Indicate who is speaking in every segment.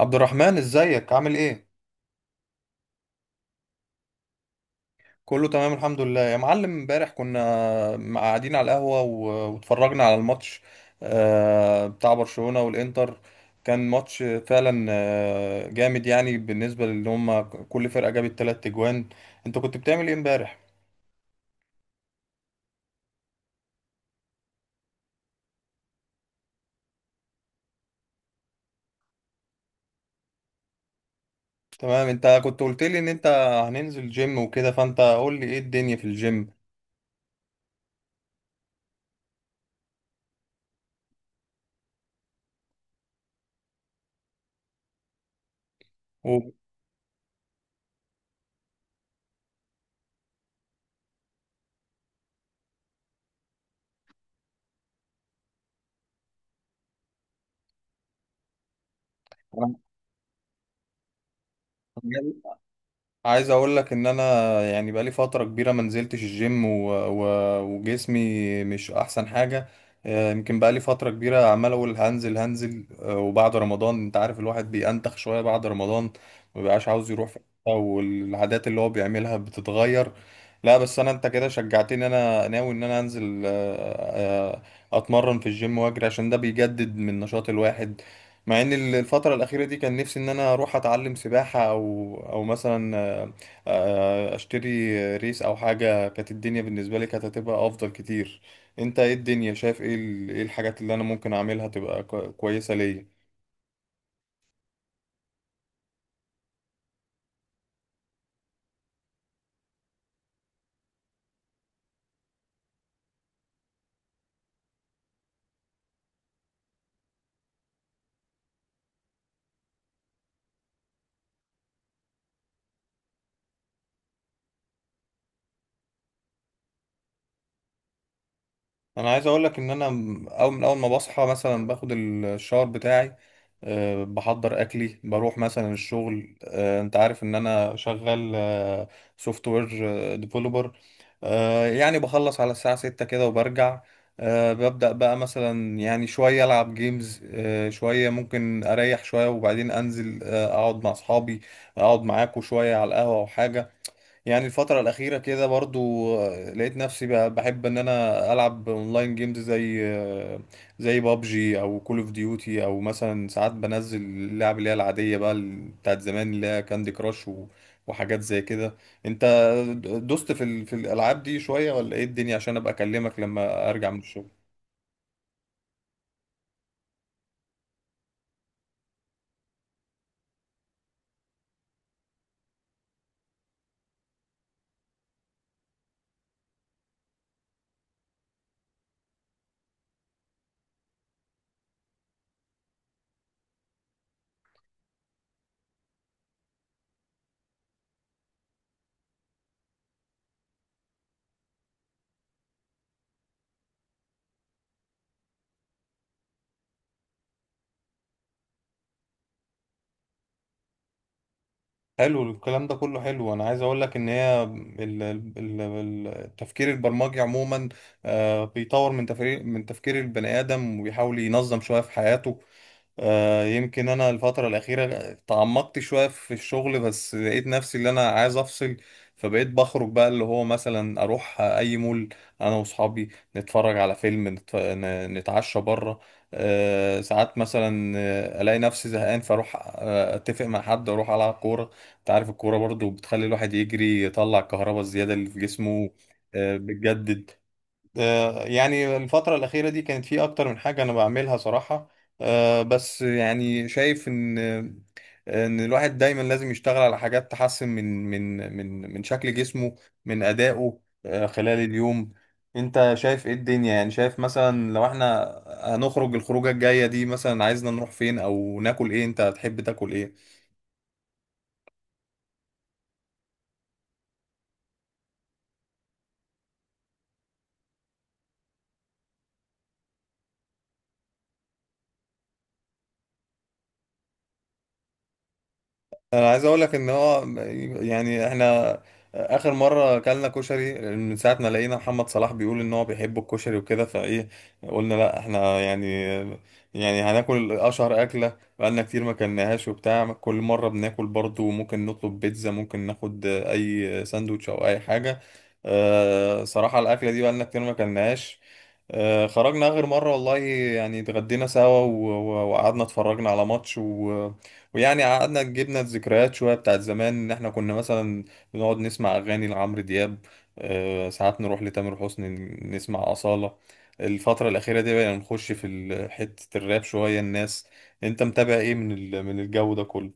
Speaker 1: عبد الرحمن، ازيك؟ عامل ايه؟ كله تمام الحمد لله يا معلم. امبارح كنا قاعدين على القهوة واتفرجنا على الماتش بتاع برشلونة والانتر. كان ماتش فعلا جامد، يعني بالنسبة لان هم كل فرقة جابت تلات اجوان. انت كنت بتعمل ايه امبارح؟ تمام، انت كنت قلت لي ان انت هننزل جيم وكده، فانت قول لي ايه الدنيا في الجيم. عايز اقول لك ان انا، يعني بقالي فتره كبيره ما نزلتش الجيم وجسمي مش احسن حاجه. يمكن بقالي فتره كبيره عمال اقول هنزل هنزل، وبعد رمضان انت عارف الواحد بينتخ شويه بعد رمضان، ما بيبقاش عاوز يروح في حتة، والعادات اللي هو بيعملها بتتغير. لا بس انا انت كده شجعتني، انا ناوي ان انا انزل، اتمرن في الجيم واجري، عشان ده بيجدد من نشاط الواحد. مع ان الفترة الأخيرة دي كان نفسي ان انا اروح اتعلم سباحة او او مثلا، اشتري ريس او حاجة، كانت الدنيا بالنسبة لي كانت هتبقى افضل كتير. انت ايه الدنيا؟ شايف ايه ايه الحاجات اللي انا ممكن اعملها تبقى كويسة ليا؟ انا عايز اقول لك ان انا، اول من اول ما بصحى مثلا باخد الشاور بتاعي. أه، بحضر اكلي، بروح مثلا الشغل. أه، انت عارف ان انا شغال سوفت وير ديفلوبر. أه، يعني بخلص على الساعة ستة كده وبرجع. أه، ببدأ بقى مثلا، يعني شوية العب جيمز، أه شوية ممكن اريح شوية، وبعدين انزل أه اقعد مع اصحابي، اقعد معاكوا شوية على القهوة او حاجة. يعني الفترة الأخيرة كده برضو لقيت نفسي بحب إن أنا ألعب أونلاين جيمز، زي زي بابجي أو كول أوف ديوتي، أو مثلا ساعات بنزل اللعب اللي هي العادية بقى، بتاعت زمان، اللي هي كاندي كراش وحاجات زي كده. أنت دوست في في الألعاب دي شوية، ولا إيه الدنيا؟ عشان أبقى أكلمك لما أرجع من الشغل. حلو الكلام ده كله حلو. انا عايز اقول لك ان هي التفكير البرمجي عموما، بيطور من تفكير من تفكير البني ادم، وبيحاول ينظم شويه في حياته. يمكن انا الفتره الاخيره تعمقت شويه في الشغل، بس لقيت نفسي اللي انا عايز افصل. فبقيت بخرج بقى، اللي هو مثلا اروح اي مول انا واصحابي، نتفرج على فيلم، نتعشى بره. ساعات مثلا الاقي نفسي زهقان، فاروح اتفق مع حد اروح العب كوره. انت عارف الكوره برضو بتخلي الواحد يجري، يطلع الكهرباء الزياده اللي في جسمه، بتجدد. يعني الفترة الأخيرة دي كانت في أكتر من حاجة أنا بعملها صراحة. بس يعني شايف إن إن الواحد دايما لازم يشتغل على حاجات تحسن من شكل جسمه، من أدائه خلال اليوم. أنت شايف إيه الدنيا؟ يعني شايف مثلا لو إحنا هنخرج الخروجة الجاية دي، مثلا عايزنا نروح فين، أو ناكل إيه؟ أنت تحب تاكل إيه؟ انا عايز اقول لك ان هو، يعني احنا اخر مره اكلنا كشري من ساعه ما لقينا محمد صلاح بيقول ان هو بيحب الكشري وكده، فايه، قلنا لا احنا يعني، يعني هناكل اشهر اكله بقالنا كتير ما كلناهاش. وبتاع كل مره بناكل برضو، ممكن نطلب بيتزا، ممكن ناخد اي ساندوتش او اي حاجه. أه صراحه الاكله دي بقالنا كتير ما كلناهاش. خرجنا آخر مرة والله، يعني اتغدينا سوا وقعدنا اتفرجنا على ماتش ويعني قعدنا جبنا الذكريات شوية بتاعت زمان، إن إحنا كنا مثلا بنقعد نسمع أغاني لعمرو دياب، ساعات نروح لتامر حسني، نسمع أصالة. الفترة الأخيرة دي بقينا نخش في حتة الراب شوية الناس. أنت متابع إيه من من الجو ده كله؟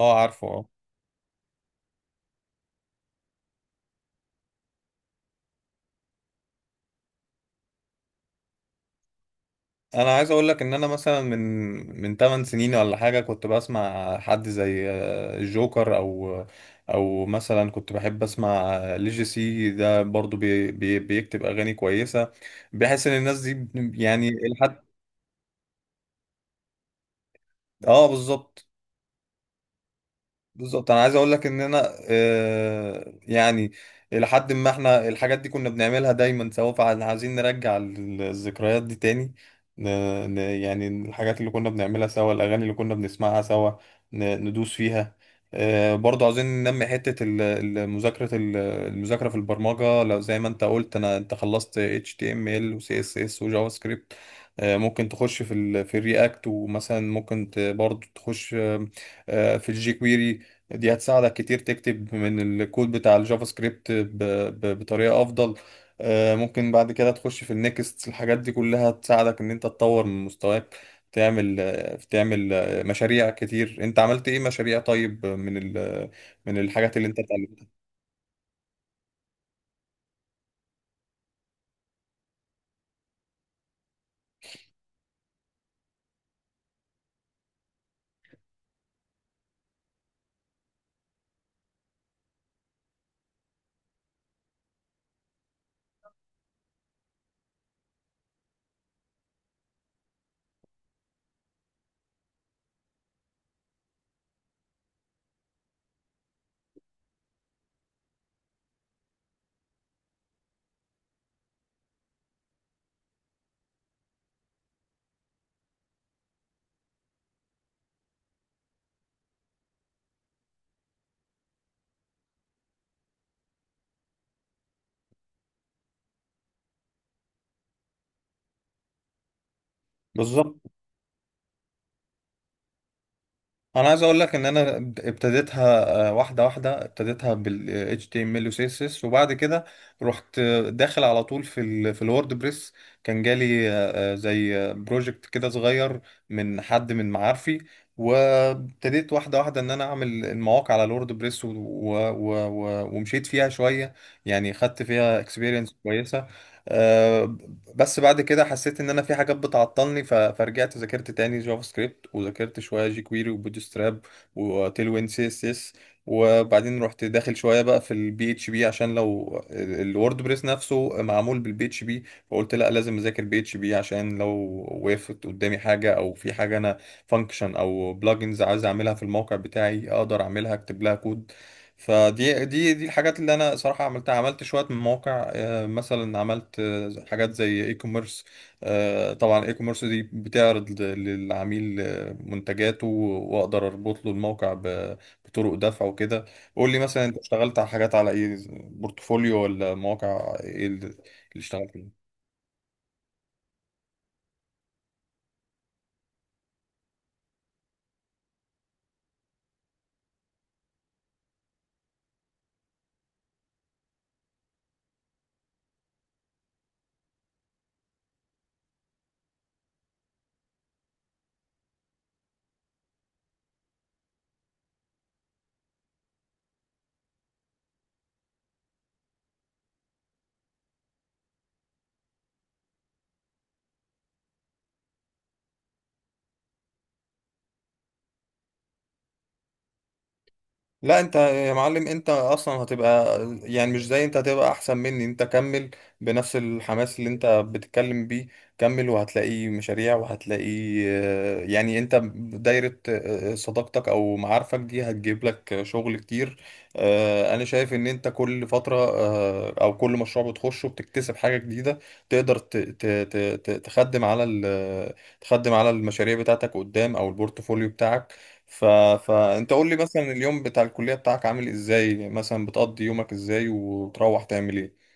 Speaker 1: أه عارفه، آه. انا عايز اقول لك ان انا مثلا من 8 سنين ولا حاجه، كنت بسمع حد زي الجوكر، او او مثلا كنت بحب اسمع ليجي سي، ده برضو بي بيكتب اغاني كويسه. بحس ان الناس دي، يعني لحد، اه بالظبط. بالظبط، انا عايز اقول لك ان انا يعني الى حد ما احنا الحاجات دي كنا بنعملها دايما سوا، فاحنا عايزين نرجع الذكريات دي تاني. ن- يعني الحاجات اللي كنا بنعملها سوا، الاغاني اللي كنا بنسمعها سوا، ندوس فيها. برضه عاوزين ننمي حتة مذاكرة المذاكرة في البرمجة. لو زي ما انت قلت انا انت خلصت HTML و CSS وجافا سكريبت، ممكن تخش في ال في الرياكت، ومثلا ممكن برضه تخش في الجي كويري. دي هتساعدك كتير تكتب من الكود بتاع الجافا سكريبت بطريقة أفضل. ممكن بعد كده تخش في النكست. الحاجات دي كلها تساعدك إن أنت تطور من مستواك، تعمل تعمل مشاريع كتير. أنت عملت إيه مشاريع طيب من من الحاجات اللي أنت اتعلمتها؟ بالظبط، انا عايز اقول لك ان انا ابتديتها واحده واحده. ابتديتها بال HTML و CSS، وبعد كده رحت داخل على طول في ال في الووردبريس. كان جالي زي بروجكت كده صغير من حد من معارفي، وابتديت واحده واحده ان انا اعمل المواقع على الووردبريس ومشيت فيها شويه، يعني خدت فيها اكسبيرينس كويسه. آه، بس بعد كده حسيت ان انا في حاجات بتعطلني، فرجعت ذاكرت تاني جافا سكريبت، وذاكرت شويه جي كويري وبوتستراب وتيلوين سي اس اس. وبعدين رحت داخل شويه بقى في البي اتش بي، عشان لو الورد بريس نفسه معمول بالبي اتش بي، فقلت لا لازم اذاكر بي اتش بي، عشان لو وقفت قدامي حاجه، او في حاجه انا فانكشن او بلجنز عايز اعملها في الموقع بتاعي اقدر اعملها اكتب لها كود. فدي دي دي الحاجات اللي انا صراحه عملتها. عملت شويه من مواقع مثلا عملت حاجات زي اي كوميرس. طبعا اي كوميرس دي بتعرض للعميل منتجاته، واقدر اربط له الموقع بطرق دفع وكده. قول لي مثلا انت اشتغلت على حاجات على ايه؟ بورتفوليو ولا مواقع ايه اللي اشتغلت؟ لا انت يا معلم انت اصلا هتبقى، يعني مش زي، انت هتبقى احسن مني. انت كمل بنفس الحماس اللي انت بتتكلم بيه، كمل وهتلاقي مشاريع، وهتلاقي يعني انت دايرة صداقتك او معارفك دي هتجيب لك شغل كتير. انا شايف ان انت كل فترة او كل مشروع بتخشه بتكتسب حاجة جديدة، تقدر تخدم على تخدم على المشاريع بتاعتك قدام او البورتفوليو بتاعك. ف... فانت قول لي مثلا اليوم بتاع الكلية بتاعك عامل ازاي؟ يعني مثلا بتقضي يومك ازاي وتروح تعمل ايه؟